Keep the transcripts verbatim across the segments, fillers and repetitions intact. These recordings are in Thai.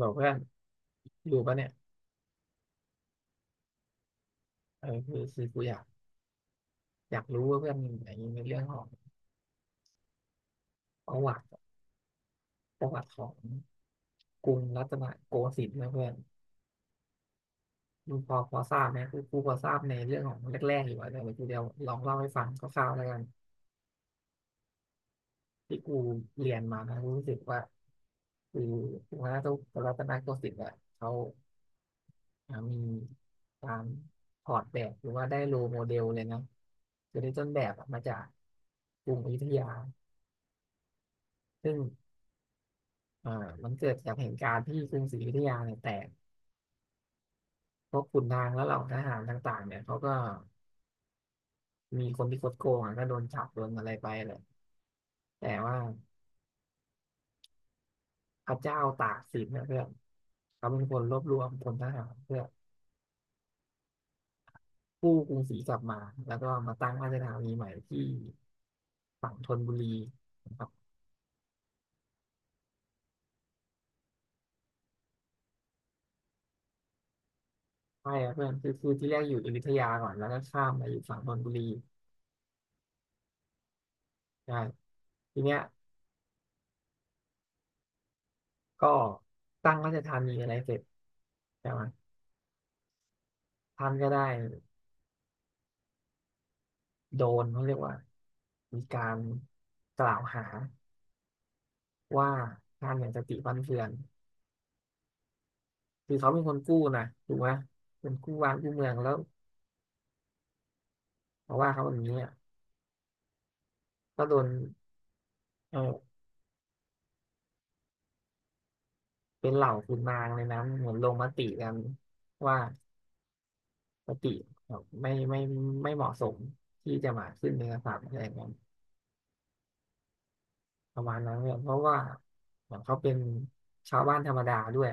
บอกเพื่อนอยู่ปะเนี่ยเออคือคือกูอยากอยากรู้ว่าเพื่อนอย่างนี้ในเรื่องของประวัติประวัติของกรุงรัตนโกสินทร์นะเพื่อนมึงพอพอทราบไหมกูกูพอทราบในเรื่องของแรกๆอยู่อะแต่กูเดี๋ยวลองเล่าให้ฟังคร่าวๆแล้วกันที่กูเรียนมานะกูรู้สึกว่าคือกรุงรัตนโกสินทร์อะเขาอ่ามีการถอดแบบหรือว่าได้โรลโมเดลเลยนะคือได้ต้นแบบอะมาจากกรุงอยุธยาซึ่ง อ่ามันเกิดจากเหตุการณ์ที่กรุงศรีอยุธยาเนี่ยแตกพวกขุนนางและเหล่าทหารต่างๆเนี่ยเขาก็มีคนที่คดโกงอ่ะก็โดนจับโดนอะไรไปแหละแต่ว่าพระเจ้าตากสินเนี่ยเพื่อนเขาเป็นคนรวบรวมพลทหารเพื่อกู้กรุงศรีกลับมาแล้วก็มาตั้งราชธานีใหม่ที่ฝั่งธนบุรีนะครับใช่ครับเพื่อนคือคือที่แรกอยู่อยุธยาก่อนแล้วก็ข้ามมาอยู่ฝั่งธนบุรีใช่ทีเนี้ยก็ตั้งราชธานีอะไรเสร็จใช่ไหมท่านก็ได้ โดนเขาเรียกว่ามีการกล่าวหาว่าท่านอย่างสติฟั่นเฟือนคือเขาเป็นคนกู้นะถูกไหมเป็นกู้วานกู้เมืองแล้วมาว่าเขาแบบนี้อะก็โดนเออเป็นเหล่าขุนนางเลยนะเหมือนลงมติกันว่าสติไม่ไม่ไม่เหมาะสมที่จะมาขึ้นเป็นกษัตริย์อะไรอย่างเงี้ยประมาณนั้นเนี่ยเพราะว่าเหมือนเขาเป็นชาวบ้านธรรมดาด้วย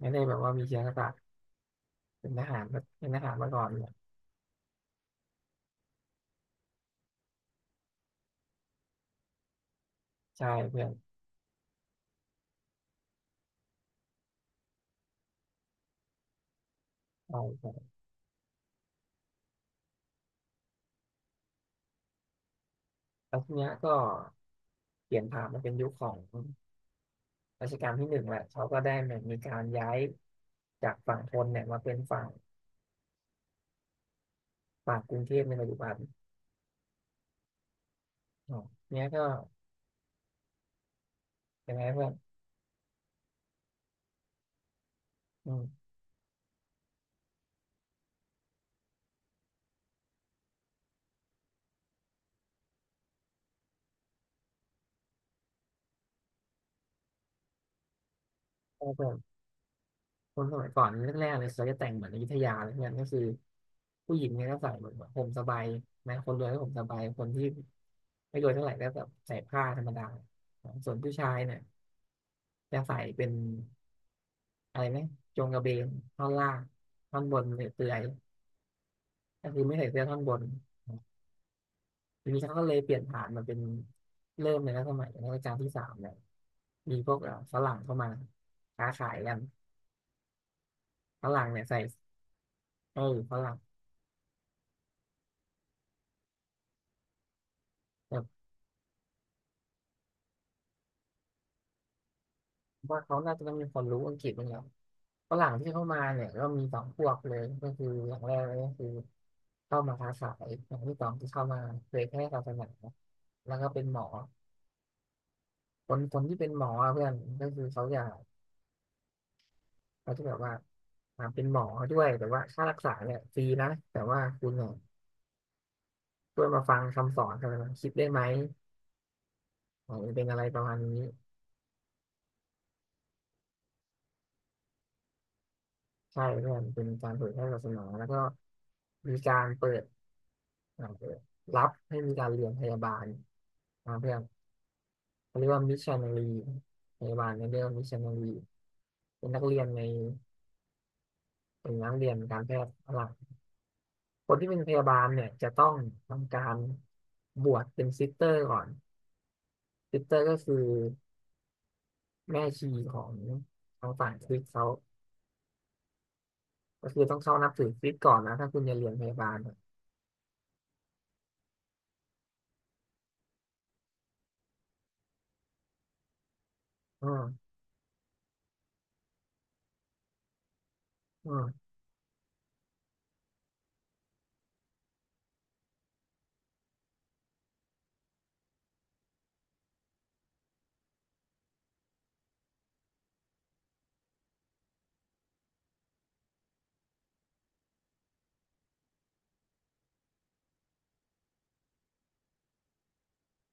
ไม่ได้แบบว่ามีเชื้อกษัตริย์เป็นทหารเป็นทหารมาก่อนเนี่ยใช่เพื่อน ใช่ใช่แล้วทีเนี้ยก็เปลี่ยนผ่านมาเป็นยุคของรัชกาลที่หนึ่งแหละ เขาก็ได้มีการย้ายจากฝั่งทนเนี่ยมาเป็นฝั่งฝั่งกรุงเทพในปัจจุบันอ๋อเนี้ยก็เป็นไงเพื่อนอืมก็เพื่อนคนสมัยก่อนแรกๆเลยเขาจะแต่งเหมือนอยุธยาเลยเนี่ยก็คือผู้หญิงเนี่ยก็ใส่เหมือนแบบห่มสบายนะคนรวยก็ห่มสบาย คนที่ไม่รวยเท่าไหร่ก็แบบใส่ผ้าธรรมดา ส่วนผู้ชายเนี่ยจะใส่เป็น อะไรไหมโจงกระเบนท่อนล่างท่อนบนเปลือยๆก็คือไม่ใส่เสื้อท่อนบนทีนี้เขาก็เลยเปลี่ยนผ่านมาเป็นเริ่มในรัชสมัยในรัชกาลที่สามเนี่ยมีพวกเอ่อฝรั่งเข้ามาค้าขายกันฝรั่งเนี่ยใส่เออฝรั่งแต่ว่าเขาน่าจะต้องมีคนรู้อังกฤษบ้างแล้วฝรั่งที่เข้ามาเนี่ยก็มีสองพวกเลยก็คืออย่างแรกเลยก็คือเข้ามาค้าขายอย่างที่สองที่เข้ามาเผยแพร่ศาสนาแล้วก็เป็นหมอคนคนที่เป็นหมออะเพื่อนก็คือเขาอยาก เขาจะแบบว่าอ่าเป็นหมอด้วยแต่ว่าค่ารักษาเนี่ยฟรีนะแต่ว่าคุณเนี่ยช่วยมาฟังคำสอนกันนะคิดได้ไหมอ่ามันเป็นอะไรประมาณนี้ใช่เพื่อนเป็นการเผยแพร่ศาสนาแล้วก็มีการเปิดอ่าเปิดรับให้มีการเรียนพยาบาลอ่าเพื่อนเขาเรียกว่ามิชชันนารีพยาบาลเนี่ยเรียกว่ามิชชันนารีเป็นนักเรียนในเป็นนักเรียนการแพทย์หลักคนที่เป็นพยาบาลเนี่ยจะต้องทำการบวชเป็นซิสเตอร์ก่อนซิสเตอร์ก็คือ แม่ชีของของฝั่งคริสต์เขาก็คือต้องเข้านับถือคริสต์ก่อนนะถ้าคุณจะเรียนพยาบาลอะอืมอืม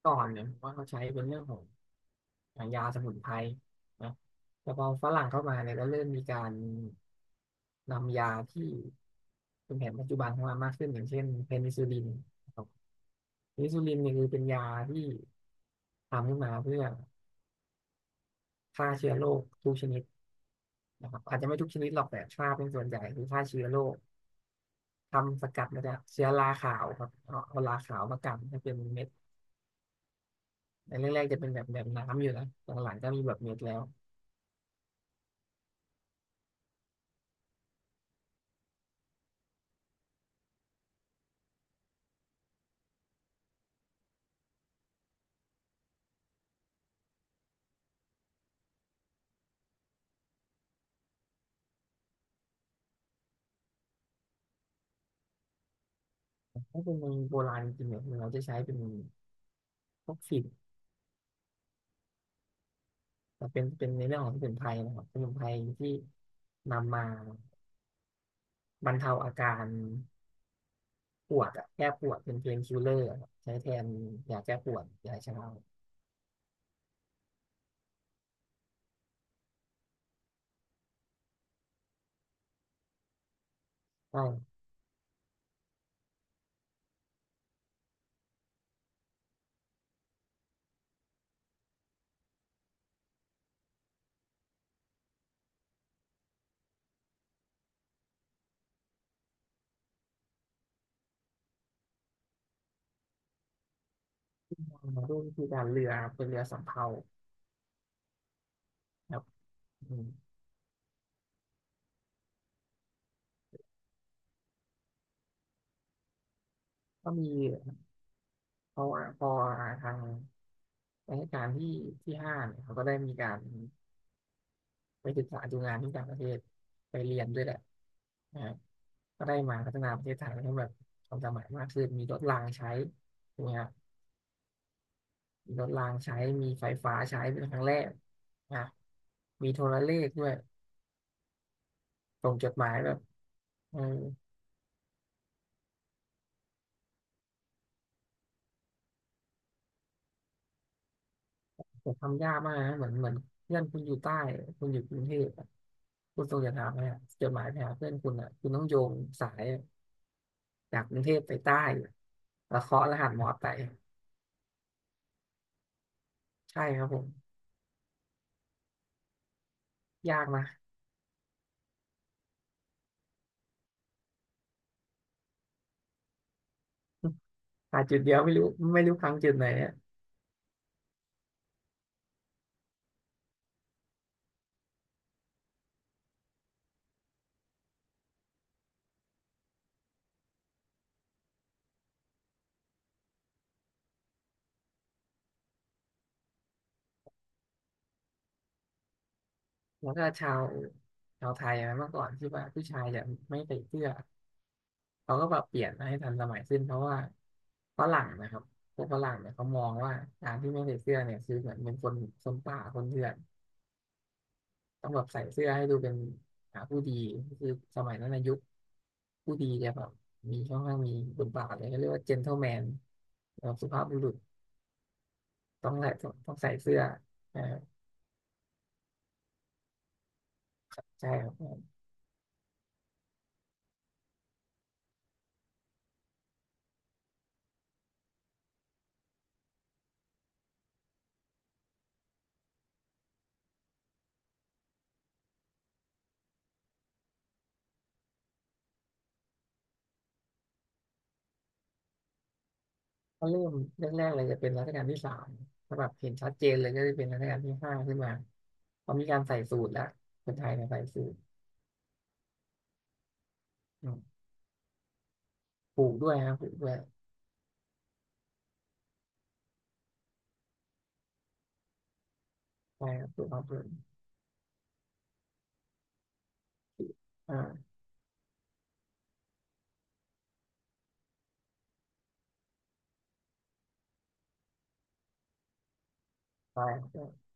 ก่อนเนี่ยว่าเขาใช้เป็นเรื่องของยางยาสมุนไพรนะแต่พอฝรั่งเข้ามาเนี่ยก็เริ่มมีการนำยาที่เป็นแผนปัจจุบันเข้ามามากขึ้นอย่างเช่นเพนิซิลลินนะครับเพนิซิลลินเนี่ยคือเป็นยาที่ทำขึ้นมาเพื่อฆ่าเชื้อโรคทุกชนิดนะครับอาจจะไม่ทุกชนิดหรอกแต่ฆ่าเป็นส่วนใหญ่คือฆ่าเชื้อโรค ทำสกัดมาจากเชื้อราขาวครับเอาเอาราขาวมากันให้เป็นเม็ดในแรกๆจะเป็นแบบแบบน้ำอยู่นะหลังๆก็มีแบบเม็ดแล้วถ้าเป็นเมืองโบราณจริงๆเนี่ยเราจะใช้เป็นพวกฝิ่นแต่เป็นเป็นในเรื่องของสมุนไพรนะครับสมุนไพรที่นำมาบรรเทาอาการปวดอะแก้ปวดเป็นเพนคิลเลอร์ใช้แทนยาแก้ปวดยาชาใช่มาด้วยวิธีการเรือเป็นเรือสำเภาครับอืมก็มีพอพอทาง รัชกาลที่ที่ห้าเนี่ยเขาก็ได้มีการไปศึกษาดูงานที่ต่างประเทศไปเรียนด้วยแหละนะครับก็ได้มาพัฒนาประเทศไทยให้แบบทันสมัยมากขึ้นมีรถรางใช้ถูกไหมครับมีรถรางใช้มีไฟฟ้าใช้เป็นครั้งแรกนะมีโทรเลขด้วยส่งจดหมายแบบเออผมทำยากมากนะเหมือนเหมือนเพื่อนคุณอยู่ใต้คุณอยู่กรุงเทพอะคุณส่งจดหมายไปอะจดหมายไปหาเพื่อนคุณอ่ะคุณต้องโยงสาย จากกรุงเทพไปใต้แล้วเคาะรหัสมอไปใช่ครับผม ยากนะ หาจุดเดียวไม่รู้ไม่รู้พังจุดไหนอะแล้วก็ชาวชาวไทยอะเมื่อก่อนที่ว่าผู้ชายจะไม่ใส่เสื้อเขาก็แบบเปลี่ยนให้ทันสมัยขึ้นเพราะว่าฝรั่งนะครับพวกฝรั่งเนี่ยเขามองว่าการที่ไม่ใส่เสื้อเนี่ยคือเหมือนเป็นคนคนป่า คนเถื่อน ต้องแบบใส่เสื้อให้ดูเป็นหาผู้ดีคือสมัยนั้นนะยุคผู้ดีจะแบบมีค่อนข้างมีบทบาทเลยเขาเรียกว่าเจน t l e m แมนแบบสุภาพบุรุษต้องใส่ต้องใส่เสื้ออ่าใช่ครับก็เริ่มแรกๆเลยจะเป็นรัชกาลที่สามถ้าแบบเห็นชัดเจนเลยก็จะเป็นรัชกาลที่ห้าขึ้นมาพอมีการใส่สูทแล้วคนไทยเนี่ยใส่สูทอืมผูกด้วยครับผูกด้วยใช่ครับผูกาเปลืออ่าใช่ครับ